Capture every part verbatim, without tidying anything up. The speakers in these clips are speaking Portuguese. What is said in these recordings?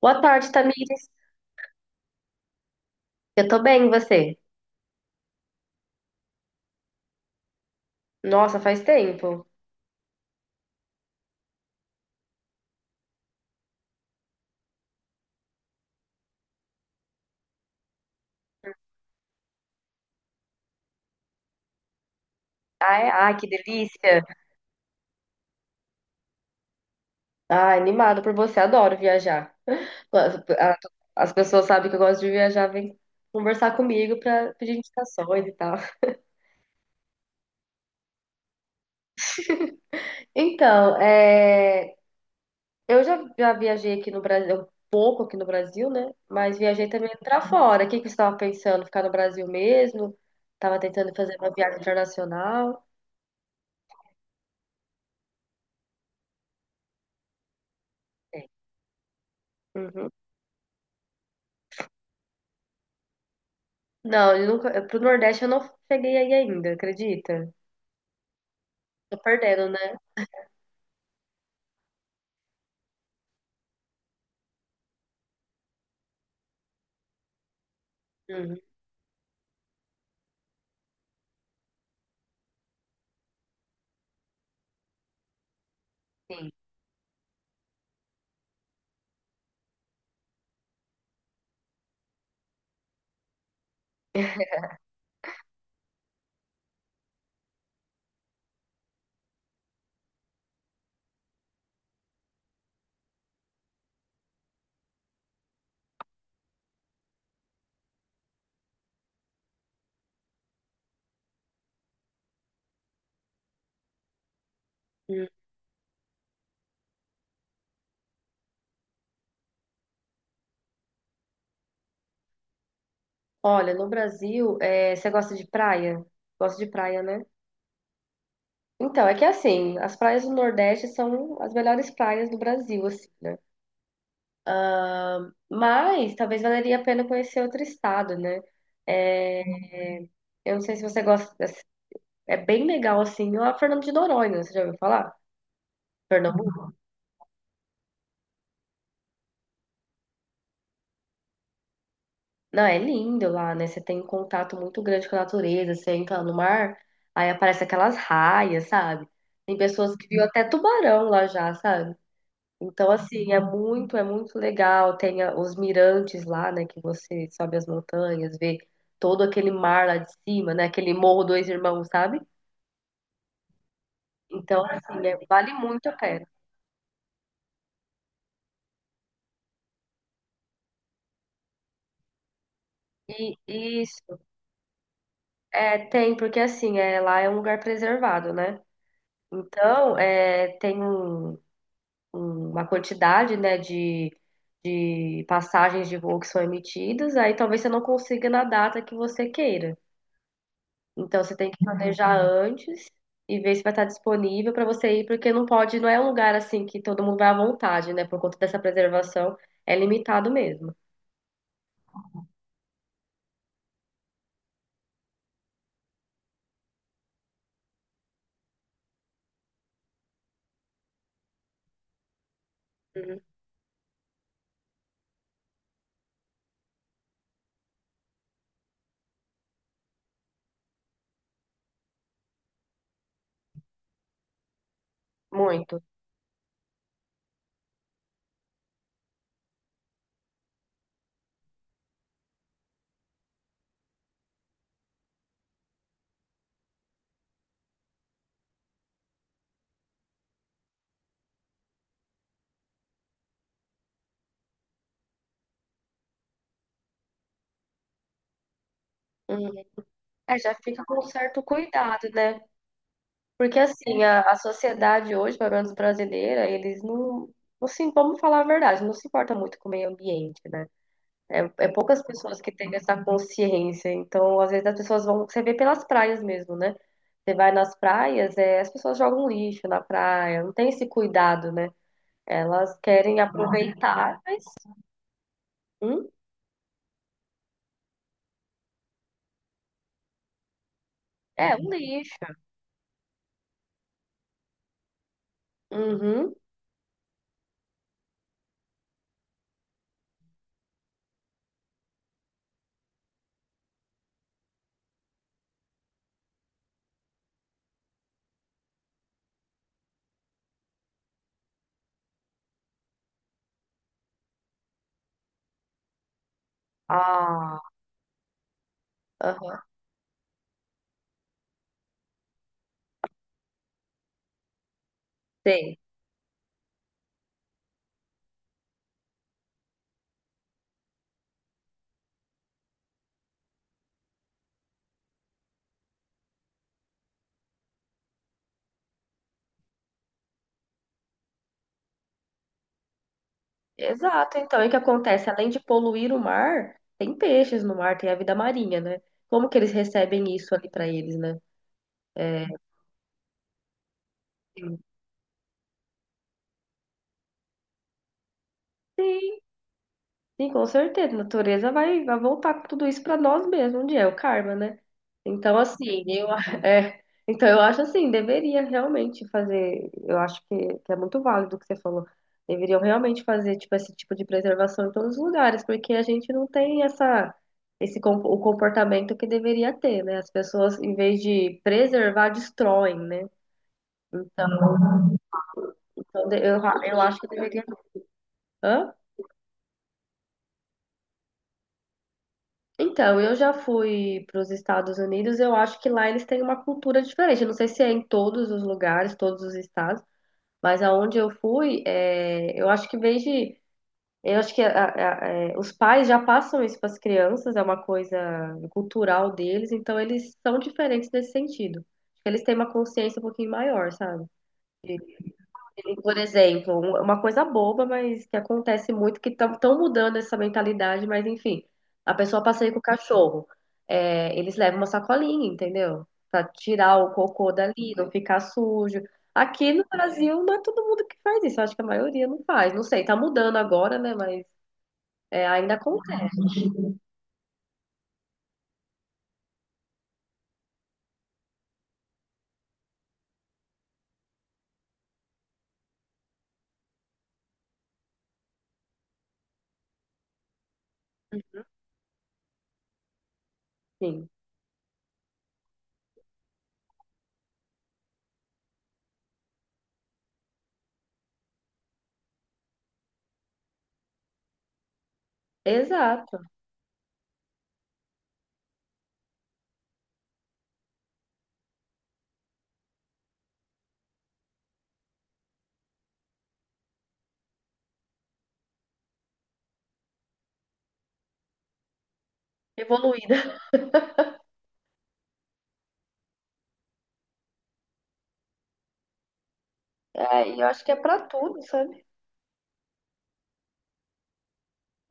Boa tarde, Tamires. Eu tô bem, e você? Nossa, faz tempo. Ai, ai, que delícia. Ai, animado por você, adoro viajar. As as pessoas sabem que eu gosto de viajar, vêm conversar comigo pra pedir indicações e tal. Então, é, eu já, já viajei aqui no Brasil, um pouco aqui no Brasil, né? Mas viajei também pra fora. O que que você estava pensando? Ficar no Brasil mesmo? Tava tentando fazer uma viagem internacional? É. Uhum. Não, eu nunca, pro Nordeste eu não cheguei aí ainda, acredita? Tô perdendo, né? Uhum, sim. Hum. Olha, no Brasil, é, você gosta de praia? Gosta de praia, né? Então, é que assim, as praias do Nordeste são as melhores praias do Brasil, assim, né? Mas talvez valeria a pena conhecer outro estado, né? É, eu não sei se você gosta. É bem legal, assim, a Fernando de Noronha, você já ouviu falar? Pernambuco? Não, é lindo lá, né? Você tem um contato muito grande com a natureza, você entra no mar, aí aparece aquelas raias, sabe? Tem pessoas que viu até tubarão lá já, sabe? Então, assim, é muito, é muito legal. Tem a- os mirantes lá, né? Que você sobe as montanhas, vê todo aquele mar lá de cima, né? Aquele Morro Dois Irmãos, sabe? Então, assim, é- vale muito a pena. E e isso, é, tem, porque assim, é, lá é um lugar preservado, né? Então, é, tem um. um, uma quantidade, né, de, de passagens de voo que são emitidas, aí talvez você não consiga na data que você queira. Então você tem que planejar antes e ver se vai estar disponível para você ir, porque não pode, não é um lugar assim que todo mundo vai à vontade, né? Por conta dessa preservação, é limitado mesmo. Uhum. Muito. Uhum. É, já fica com um certo cuidado, né? Porque assim, a, a sociedade hoje, pelo menos brasileira, eles não, não se, vamos falar a verdade, não se importa muito com o meio ambiente, né? É, é poucas pessoas que têm essa consciência. Então, às vezes as pessoas vão. Você vê pelas praias mesmo, né? Você vai nas praias, é, as pessoas jogam lixo na praia, não tem esse cuidado, né? Elas querem aproveitar, mas hum, é um lixo. Uhum. Ah, aham. Sei. Exato. Então, e o que acontece? Além de poluir o mar, tem peixes no mar, tem a vida marinha, né? Como que eles recebem isso ali pra eles, né? É, Sim. Sim, com certeza. A natureza vai, vai voltar com tudo isso para nós mesmos um dia, é o karma, né? Então, assim, eu, a- é, então, eu acho assim, deveria realmente fazer, eu acho que, que é muito válido o que você falou. Deveriam realmente fazer, tipo, esse tipo de preservação em todos os lugares, porque a gente não tem essa, esse, com- o comportamento que deveria ter, né? As pessoas, em vez de preservar, destroem, né? Então, então de- eu, eu acho que deveria. Hã? Então, eu já fui para os Estados Unidos, eu acho que lá eles têm uma cultura diferente. Eu não sei se é em todos os lugares, todos os estados, mas aonde eu fui, é, eu acho que desde, eu acho que a- a- é, os pais já passam isso para as crianças, é uma coisa cultural deles, então eles são diferentes nesse sentido. Eles têm uma consciência um pouquinho maior, sabe? Por exemplo, um- uma coisa boba, mas que acontece muito, que estão mudando essa mentalidade, mas enfim, a pessoa passeia com o cachorro. É, eles levam uma sacolinha, entendeu? Pra tirar o cocô dali, não ficar sujo. Aqui no Brasil não é todo mundo que faz isso, acho que a maioria não faz. Não sei, tá mudando agora, né? Mas é, ainda acontece. Sim. Exato, evoluída. É, e eu acho que é pra tudo, sabe?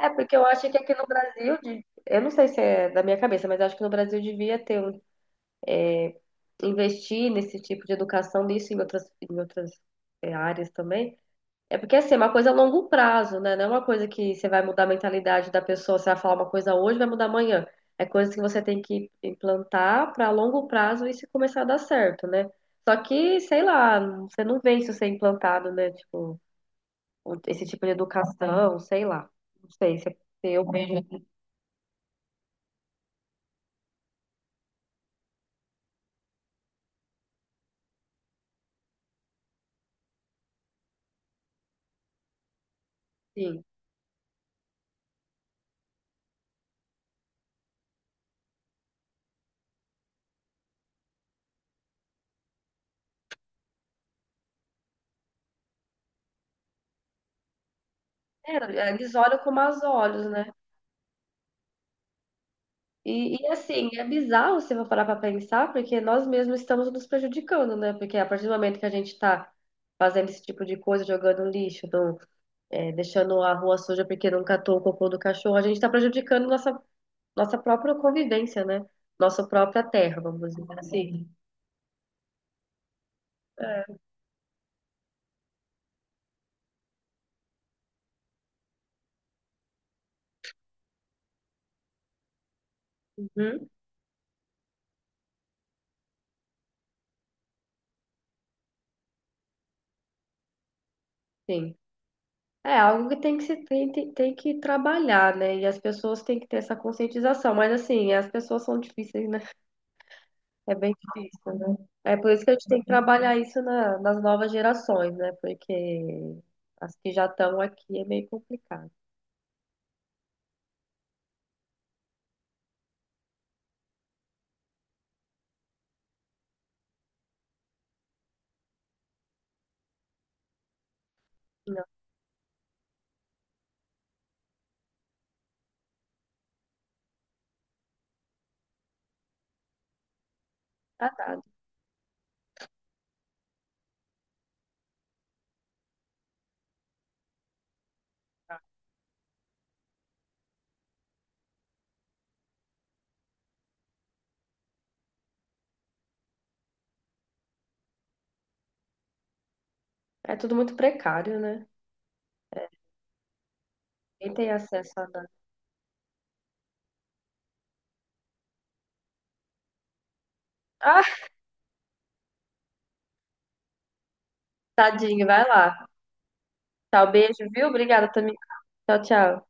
É, porque eu acho que aqui no Brasil, de- eu não sei se é da minha cabeça, mas eu acho que no Brasil devia ter um investir nesse tipo de educação, nisso em outras, em outras é, áreas também. É porque assim, é uma coisa a longo prazo, né? Não é uma coisa que você vai mudar a mentalidade da pessoa, você vai falar uma coisa hoje, vai mudar amanhã. É coisa que você tem que implantar para longo prazo e se começar a dar certo, né? Só que, sei lá, você não vê isso ser implantado, né? Tipo, um, esse tipo de educação, sei lá. Não sei se eu vejo assim. É, eles olham com maus olhos, né? E, e, assim, é bizarro se eu for parar para pensar, porque nós mesmos estamos nos prejudicando, né? Porque a partir do momento que a gente está fazendo esse tipo de coisa, jogando lixo, não- é, deixando a rua suja porque não catou o cocô do cachorro, a gente está prejudicando nossa, nossa própria convivência, né? Nossa própria terra, vamos dizer assim. Uhum, sim. É algo que tem que se tem, tem, tem que trabalhar, né? E as pessoas têm que ter essa conscientização. Mas assim, as pessoas são difíceis, né? É bem difícil, né? É por isso que a gente tem que trabalhar isso na- nas novas gerações, né? Porque as que já estão aqui é meio complicado. Não, tá dado. É tudo muito precário, né? Quem tem acesso a nada. Ah, tadinho, vai lá. Tchau, beijo, viu? Obrigada também. Tchau, tchau.